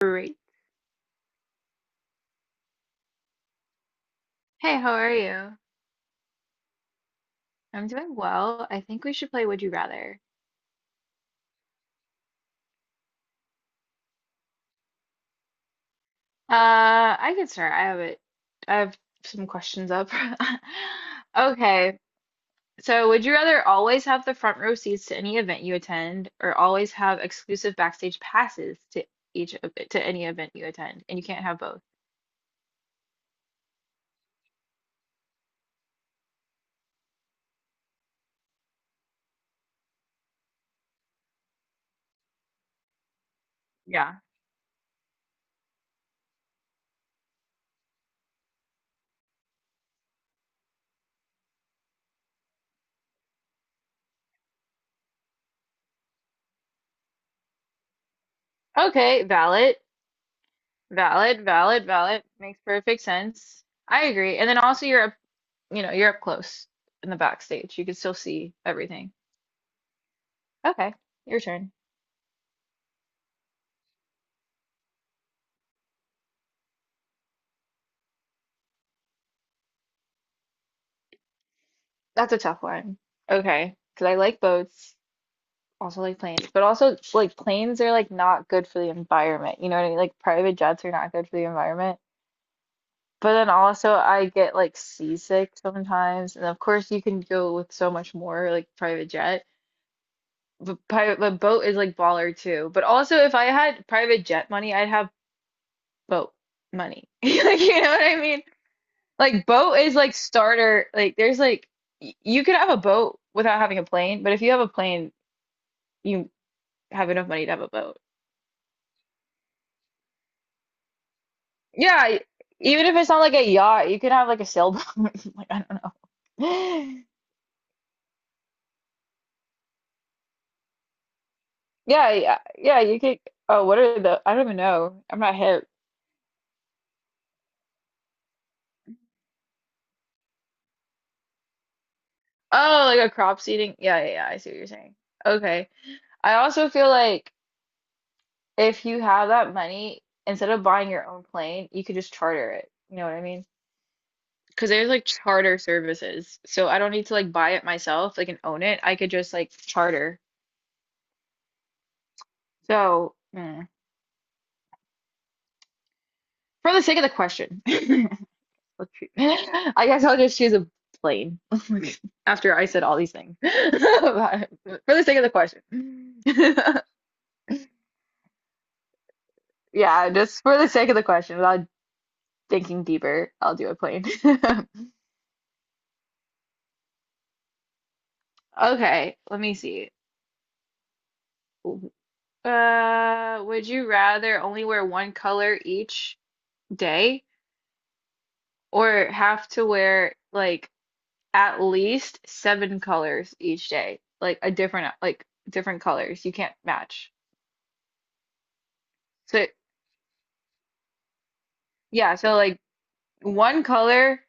Great. Hey, how are you? I'm doing well. I think we should play Would You Rather. Uh, I can start. I have it. I have some questions up. Okay. So, would you rather always have the front row seats to any event you attend, or always have exclusive backstage passes to each of to any event you attend? And you can't have both. Yeah. Okay. Valid. Valid. Valid. Valid. Makes perfect sense. I agree. And then also, you're up close in the backstage. You can still see everything. Okay, your turn. That's a tough one. Okay, because I like boats, also like planes, but also like planes are like not good for the environment. You know what I mean? Like private jets are not good for the environment. But then also I get like seasick sometimes, and of course you can go with so much more like private jet. But boat is like baller too. But also if I had private jet money, I'd have boat money. Like you know what I mean? Like boat is like starter. Like there's like you could have a boat without having a plane, but if you have a plane, you have enough money to have a boat. Yeah, even if it's not like a yacht, you could have like a sailboat. Like I don't know. Yeah, yeah, yeah. You could. Oh, what are the? I don't even know. I'm not hip. Oh, like a crop seeding. Yeah, yeah, yeah. I see what you're saying. Okay. I also feel like if you have that money, instead of buying your own plane, you could just charter it. You know what I mean? Because there's like charter services. So I don't need to like buy it myself, like and own it. I could just like charter. So for the sake of the question, let's see. I guess I'll just choose a plane after I said all these things. For the sake of the question. Yeah, just for the sake of the question, without thinking deeper, I'll do a plane. Okay, let me see. Would you rather only wear one color each day, or have to wear like at least seven colors each day, like a different like different colors? You can't match. So yeah, so like one color,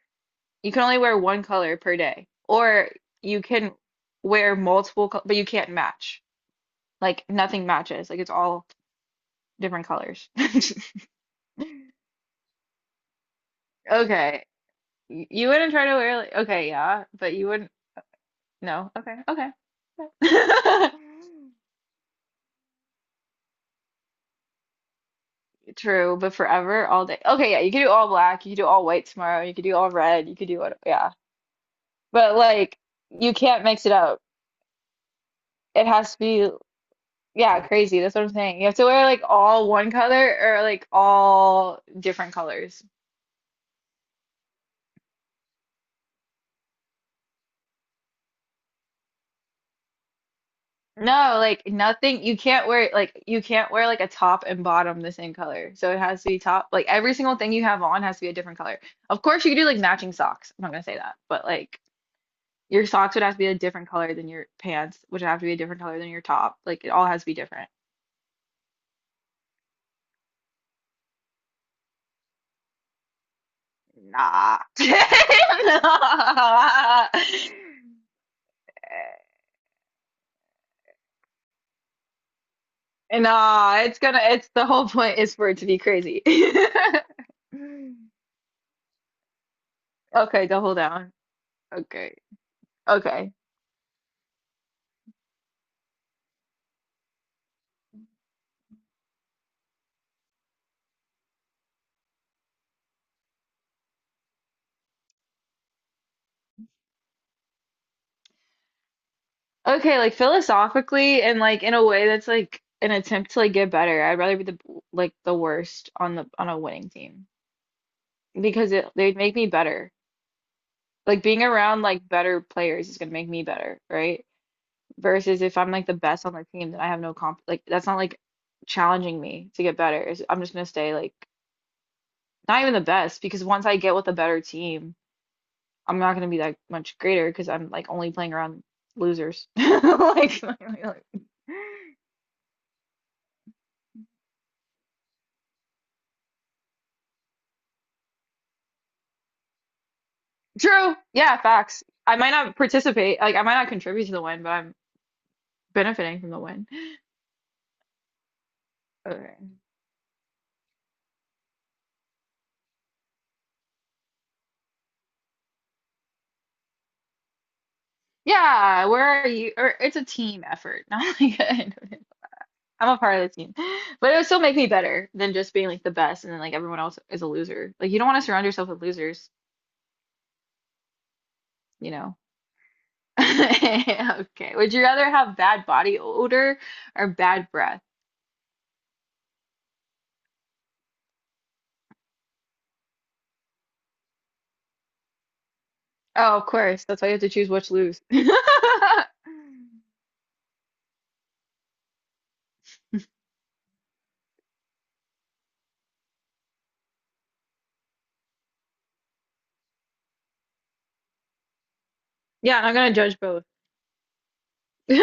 you can only wear one color per day, or you can wear multiple, but you can't match. Like nothing matches. Like it's all different colors. Okay, you wouldn't try to wear like, okay, yeah, but you wouldn't. No, okay, okay. True, but forever, all day. Okay, yeah, you could do all black, you could do all white tomorrow, you could do all red, you could do what, yeah. But like, you can't mix it up. It has to be, yeah, crazy. That's what I'm saying. You have to wear like all one color or like all different colors. No, like nothing. You can't wear like a top and bottom the same color. So it has to be top. Like every single thing you have on has to be a different color. Of course, you could do like matching socks. I'm not gonna say that, but like. Your socks would have to be a different color than your pants, which would have to be a different color than your top. Like it all has to be different. Nah. Nah. Nah, it's the whole point is for it to be crazy. Okay, double down. Okay. Okay. Okay, like philosophically and like in a way that's like an attempt to like get better. I'd rather be the worst on the on a winning team because it they'd make me better. Like being around like better players is gonna make me better, right? Versus if I'm like the best on the team, then I have no comp like that's not like challenging me to get better. I'm just gonna stay like not even the best because once I get with a better team, I'm not gonna be that much greater because I'm like only playing around losers. True. Yeah, facts. I might not participate, like I might not contribute to the win, but I'm benefiting from the win. Okay. Yeah, where are you? Or it's a team effort, not like a I'm a part of the team. But it would still make me better than just being like the best and then like everyone else is a loser. Like you don't want to surround yourself with losers, you know. Okay. Would you rather have bad body odor or bad breath? Oh, of course. That's why you have to choose which lose. Yeah, and I'm gonna judge both.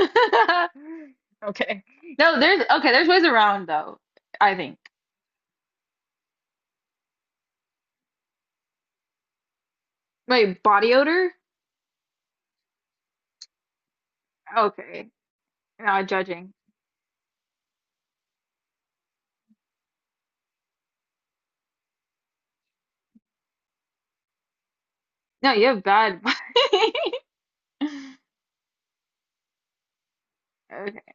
Okay. No, there's ways around though, I think. Wait, body odor? Okay. No, judging. No, you have bad. Okay.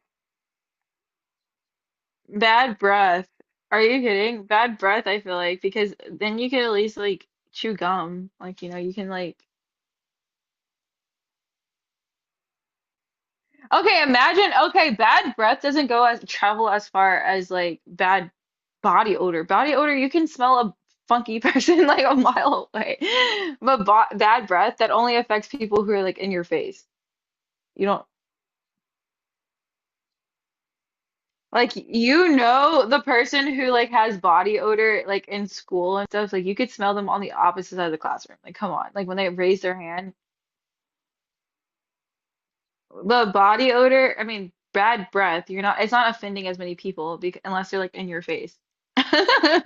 Bad breath. Are you kidding? Bad breath, I feel like, because then you could at least like chew gum. Like, you can like, okay, imagine, okay, bad breath doesn't go as travel as far as like bad body odor. Body odor, you can smell a funky person like a mile away. But bo bad breath, that only affects people who are like in your face. You don't. Like you know the person who like has body odor like in school and stuff, like you could smell them on the opposite side of the classroom. Like come on. Like when they raise their hand, the body odor, I mean bad breath, you're not, it's not offending as many people because, unless they're like in your face. I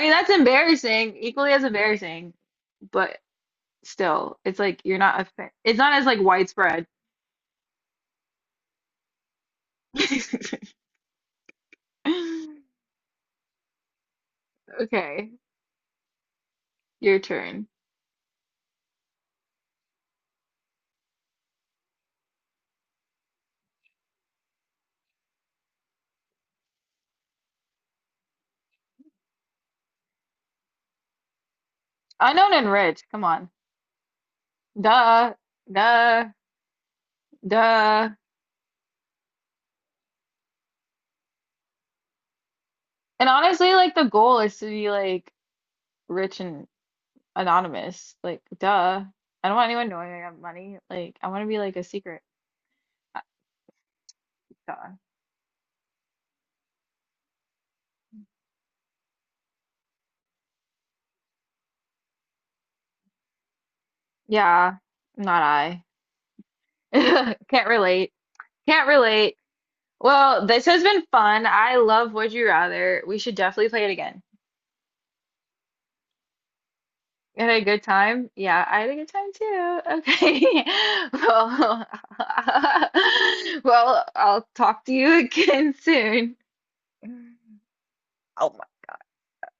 mean that's embarrassing, equally as embarrassing, but still, it's like you're not offen it's not as like widespread. Okay, your turn. Unknown and rich, come on. Duh. Duh. Duh. And honestly, like the goal is to be like rich and anonymous. Like, duh. I don't want anyone knowing I have money. Like, I want to be like a secret. Uh, Duh. Yeah, not I. Can't relate. Can't relate. Well, this has been fun. I love Would You Rather. We should definitely play it again. You had a good time? Yeah, I had a good time too. Okay. Well, well, I'll talk to you again soon.